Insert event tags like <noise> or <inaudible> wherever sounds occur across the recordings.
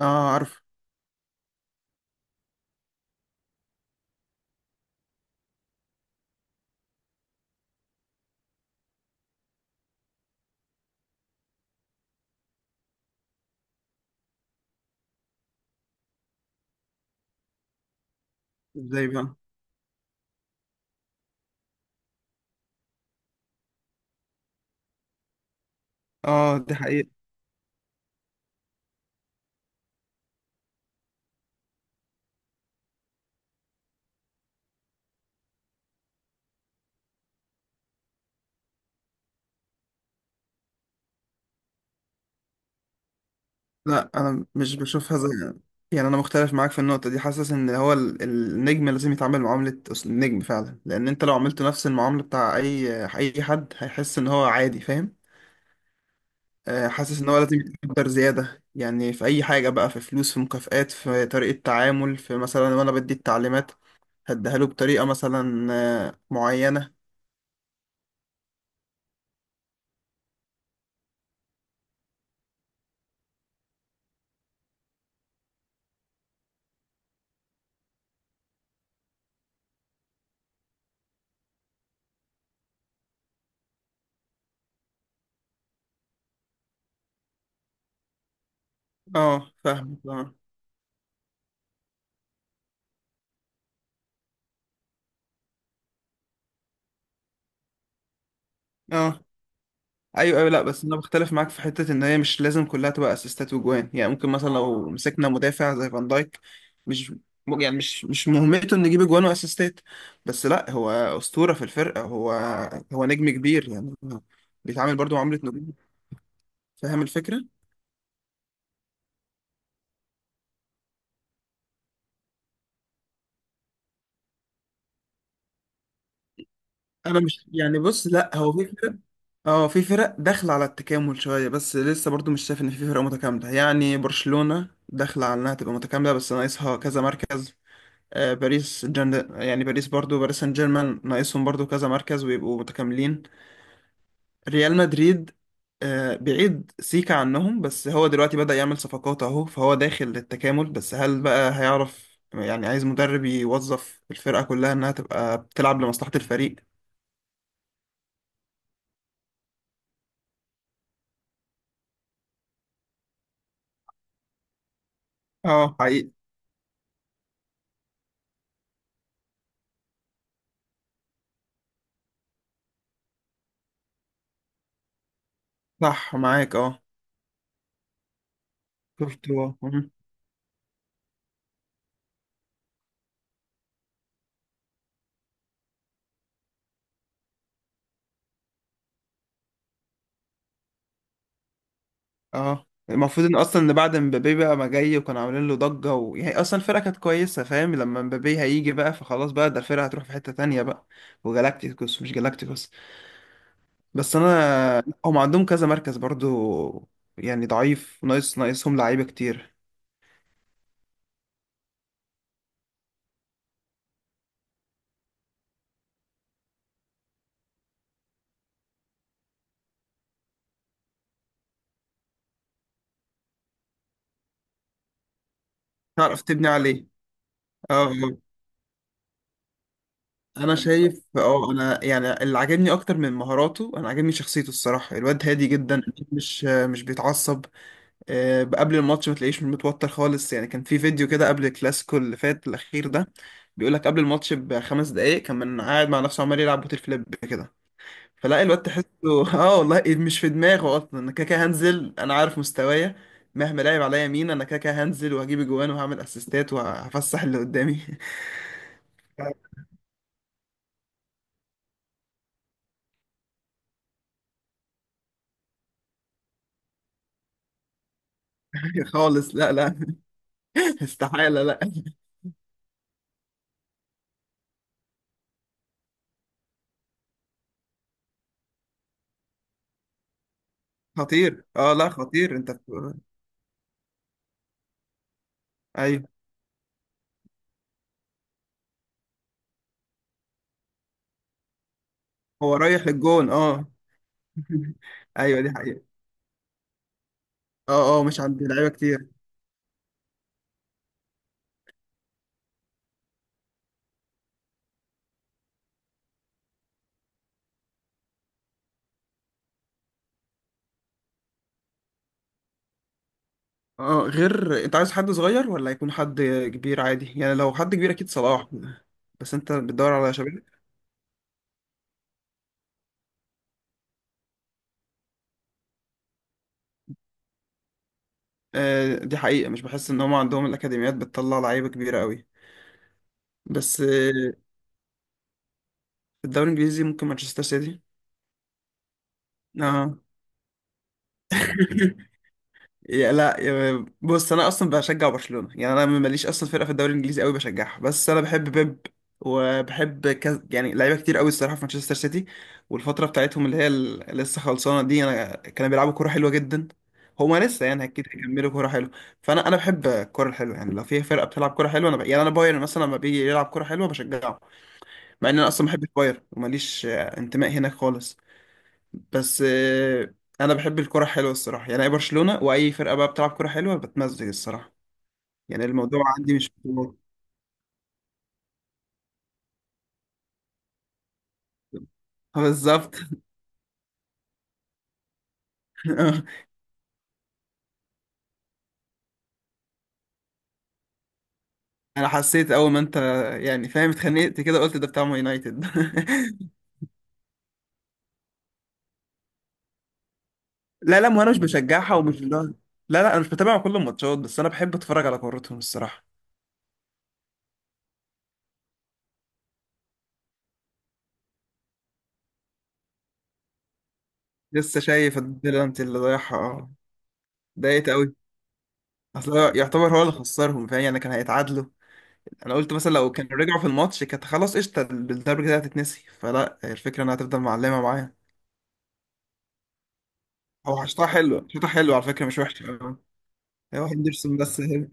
اه عارف. ازاي بقى؟ اه، دي حقيقة. لا، انا مش بشوفها زي. يعني انا مختلف معاك في النقطة دي، حاسس ان هو النجم لازم يتعامل معاملة النجم فعلا، لان انت لو عملته نفس المعاملة بتاع اي حد هيحس ان هو عادي، فاهم؟ حاسس ان هو لازم يتقدر زيادة، يعني في اي حاجة بقى، في فلوس، في مكافآت، في طريقة تعامل، في مثلا وانا بدي التعليمات هديها له بطريقة مثلا معينة. اه فاهم اه. آه. ايوه ايوه، لا بس انا بختلف معاك في حته ان هي مش لازم كلها تبقى اسيستات وجوان. يعني ممكن مثلا لو مسكنا مدافع زي فان دايك مش يعني مش مهمته انه يجيب اجوان واسيستات. بس لا، هو اسطوره في الفرقه، هو نجم كبير يعني، بيتعامل برضو معامله نجوم. فاهم الفكره؟ انا مش يعني، بص لا، هو في فرق. اه في فرق داخله على التكامل شويه، بس لسه برضو مش شايف ان في فرقه متكامله. يعني برشلونه داخله على انها تبقى متكامله بس ناقصها كذا مركز. باريس يعني باريس، برضو باريس سان جيرمان ناقصهم برضو كذا مركز ويبقوا متكاملين. ريال مدريد بعيد سيكا عنهم، بس هو دلوقتي بدأ يعمل صفقات اهو، فهو داخل للتكامل. بس هل بقى هيعرف؟ يعني عايز مدرب يوظف الفرقة كلها انها تبقى بتلعب لمصلحة الفريق. اه حقيقي. صح معاك اه. شفت هو. اه المفروض ان اصلا ان بعد مبابي بقى ما جاي، وكانوا عاملين له ضجه يعني اصلا الفرقه كانت كويسه فاهم، لما مبابي هيجي بقى فخلاص بقى ده الفرقه هتروح في حته تانية بقى، وجالاكتيكوس مش جالاكتيكوس. بس انا هم عندهم كذا مركز برضو، يعني ضعيف، ناقصهم لعيبه كتير. تعرف تبني عليه. اه آه. انا شايف اه، انا يعني اللي عاجبني اكتر من مهاراته، انا عاجبني شخصيته الصراحه، الواد هادي جدا. مش بيتعصب. قبل الماتش ما تلاقيش متوتر خالص. يعني كان في فيديو كده قبل الكلاسيكو اللي فات الأخير ده، بيقول لك قبل الماتش بـ5 دقايق كان من قاعد مع نفسه عمال يلعب بوتل فليب كده. فلاقي الواد تحسه <laughs> اه والله إيه مش في دماغه أصلا، أنا كده كده هنزل، أنا عارف مستوايا، مهما لعب عليا مين أنا كده كده هنزل وهجيب جوان وهعمل أسيستات وهفسح اللي قدامي. <laughs> خالص، لا لا. <laughs> استحالة، لا. خطير اه، لا خطير، أنت. أيوه. هو رايح للجون اه. <laughs> ايوه دي حقيقة. اه اه، مش عند لعيبه كتير. اه اه، غير انت عايز حد صغير ولا يكون حد كبير عادي؟ يعني لو حد كبير اكيد صلاح. بس انت بتدور على شباب. آه دي حقيقه، مش بحس ان هم عندهم الاكاديميات بتطلع لعيبه كبيره قوي. بس في الدوري الانجليزي ممكن مانشستر سيتي. اه <laughs> يا لا يا بص، انا اصلا بشجع برشلونه، يعني انا ماليش اصلا فرقه في الدوري الانجليزي قوي بشجعها، بس انا بحب بيب، يعني لعيبه كتير قوي الصراحه في مانشستر سيتي، والفتره بتاعتهم اللي هي لسه خلصانه دي، انا كانوا بيلعبوا كوره حلوه جدا. هما لسه يعني اكيد هيكملوا كوره حلوه. فانا بحب الكوره الحلوه، يعني لو في فرقه بتلعب كوره حلوه انا يعني انا بايرن مثلا لما بيجي يلعب كوره حلوه بشجعه. مع ان انا اصلا بحب بايرن وماليش انتماء هناك خالص. بس انا بحب الكرة حلوة الصراحة، يعني اي برشلونة واي فرقة بقى بتلعب كرة حلوة بتمزج الصراحة. يعني الموضوع عندي مش بطولات. بالظبط. <laughs> انا حسيت اول ما انت، يعني فاهم، اتخنقت كده قلت ده بتاع مان يونايتد. <laughs> لا لا، ما انا مش بشجعها ومش لا. لا لا، انا مش بتابع كل الماتشات بس انا بحب اتفرج على كورتهم الصراحة. لسه شايف البلنتي اللي ضايعها اه. ضايقت قوي. اصل هو يعتبر هو اللي خسرهم فاهم، يعني كان هيتعادلوا. انا قلت مثلا لو كان رجعوا في الماتش كانت خلاص قشطه، الضربه كده هتتنسي. فلا، الفكره انها هتفضل معلمه معايا. هو حشتها حلو، حشتها حلو على فكره، مش وحشه أوي. هو هندرسون بس هن-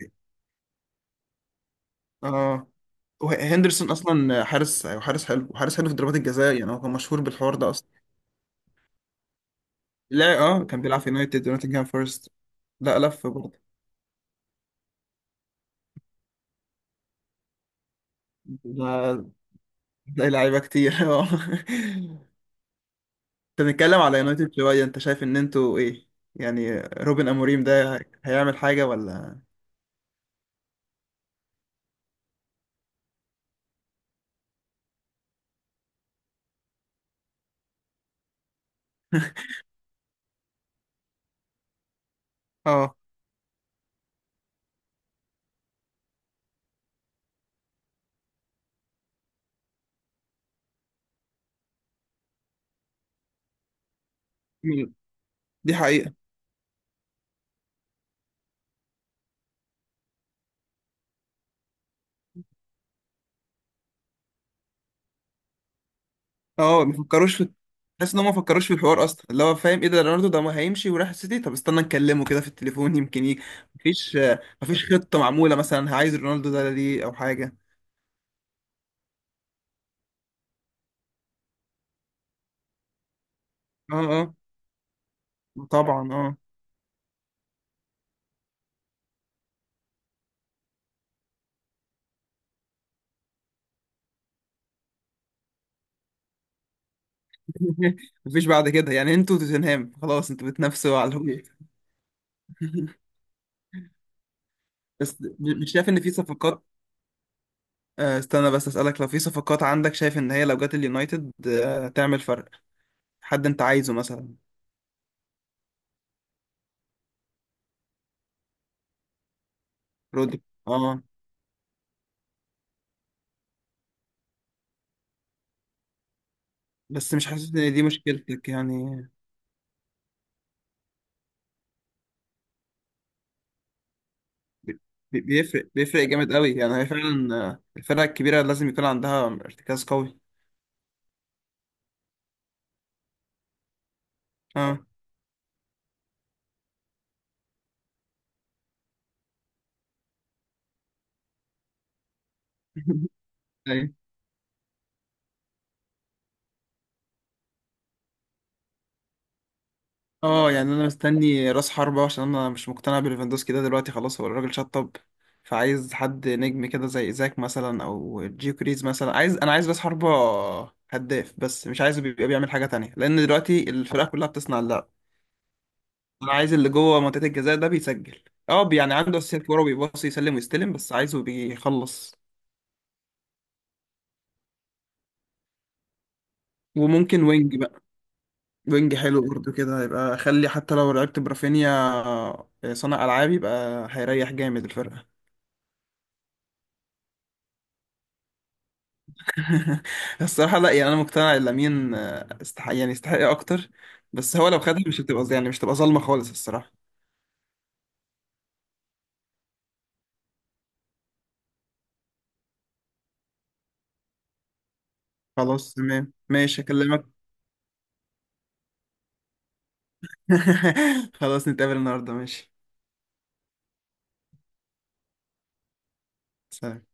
اه هو هندرسون اصلا حارس، أيوة حارس حلو وحارس حلو في ضربات الجزاء. يعني هو كان مشهور بالحوار ده اصلا. لا اه، كان بيلعب في يونايتد ونوتنجهام فورست. لا لف برضه. ده- تلاقي لعيبه كتير <laughs> اه. انت بنتكلم على يونايتد شويه، انت شايف ان انتوا ايه، يعني روبن اموريم ده هيعمل حاجه ولا؟ اه دي حقيقة. اه ما بيفكروش في، تحس ان هم ما فكروش في الحوار اصلا، اللي هو فاهم ايه ده؟ رونالدو ده ما هيمشي وراح السيتي طب استنى نكلمه كده في التليفون يمكن يجي. مفيش مفيش خطة معمولة مثلا عايز رونالدو ده ليه او حاجة. اه اه، طبعا اه. <laughs> مفيش بعد كده، يعني انتوا توتنهام خلاص انتوا بتنافسوا على الهبوط. <laughs> بس مش شايف ان في صفقات. استنى بس اسألك، لو في صفقات عندك شايف ان هي لو جت اليونايتد تعمل فرق؟ حد انت عايزه مثلا؟ رودري اه. بس مش حاسس ان دي مشكلتك يعني. بي- بيفرق جامد قوي، يعني هي فعلا الفرقة الكبيرة لازم يكون عندها ارتكاز قوي. اه <laughs> ايوه. اه يعني انا مستني راس حربة عشان انا مش مقتنع بليفاندوسكي ده دلوقتي، خلاص هو الراجل شطب. فعايز حد نجم كده زي ايزاك مثلا او جيو كريز مثلا، عايز انا عايز راس حربة هداف، بس مش عايزه بيبقى بيعمل حاجة تانية لان دلوقتي الفرقة كلها بتصنع اللعب. انا عايز اللي جوه منطقة الجزاء ده بيسجل. اه يعني عنده اساسيات كوره بيباصي يسلم ويستلم، بس عايزه بيخلص. وممكن وينج، وينج حلو برضه كده، يبقى اخلي حتى لو لعبت برافينيا صانع العاب يبقى هيريح جامد الفرقه. <laughs> الصراحه لا، يعني انا مقتنع ان لامين استحق، يعني يستحق اكتر. بس هو لو خدها مش هتبقى يعني مش هتبقى ظلمه خالص الصراحه. خلاص تمام، ماشي اكلمك. <laughs> خلاص نتقابل النهارده ماشي. سلام.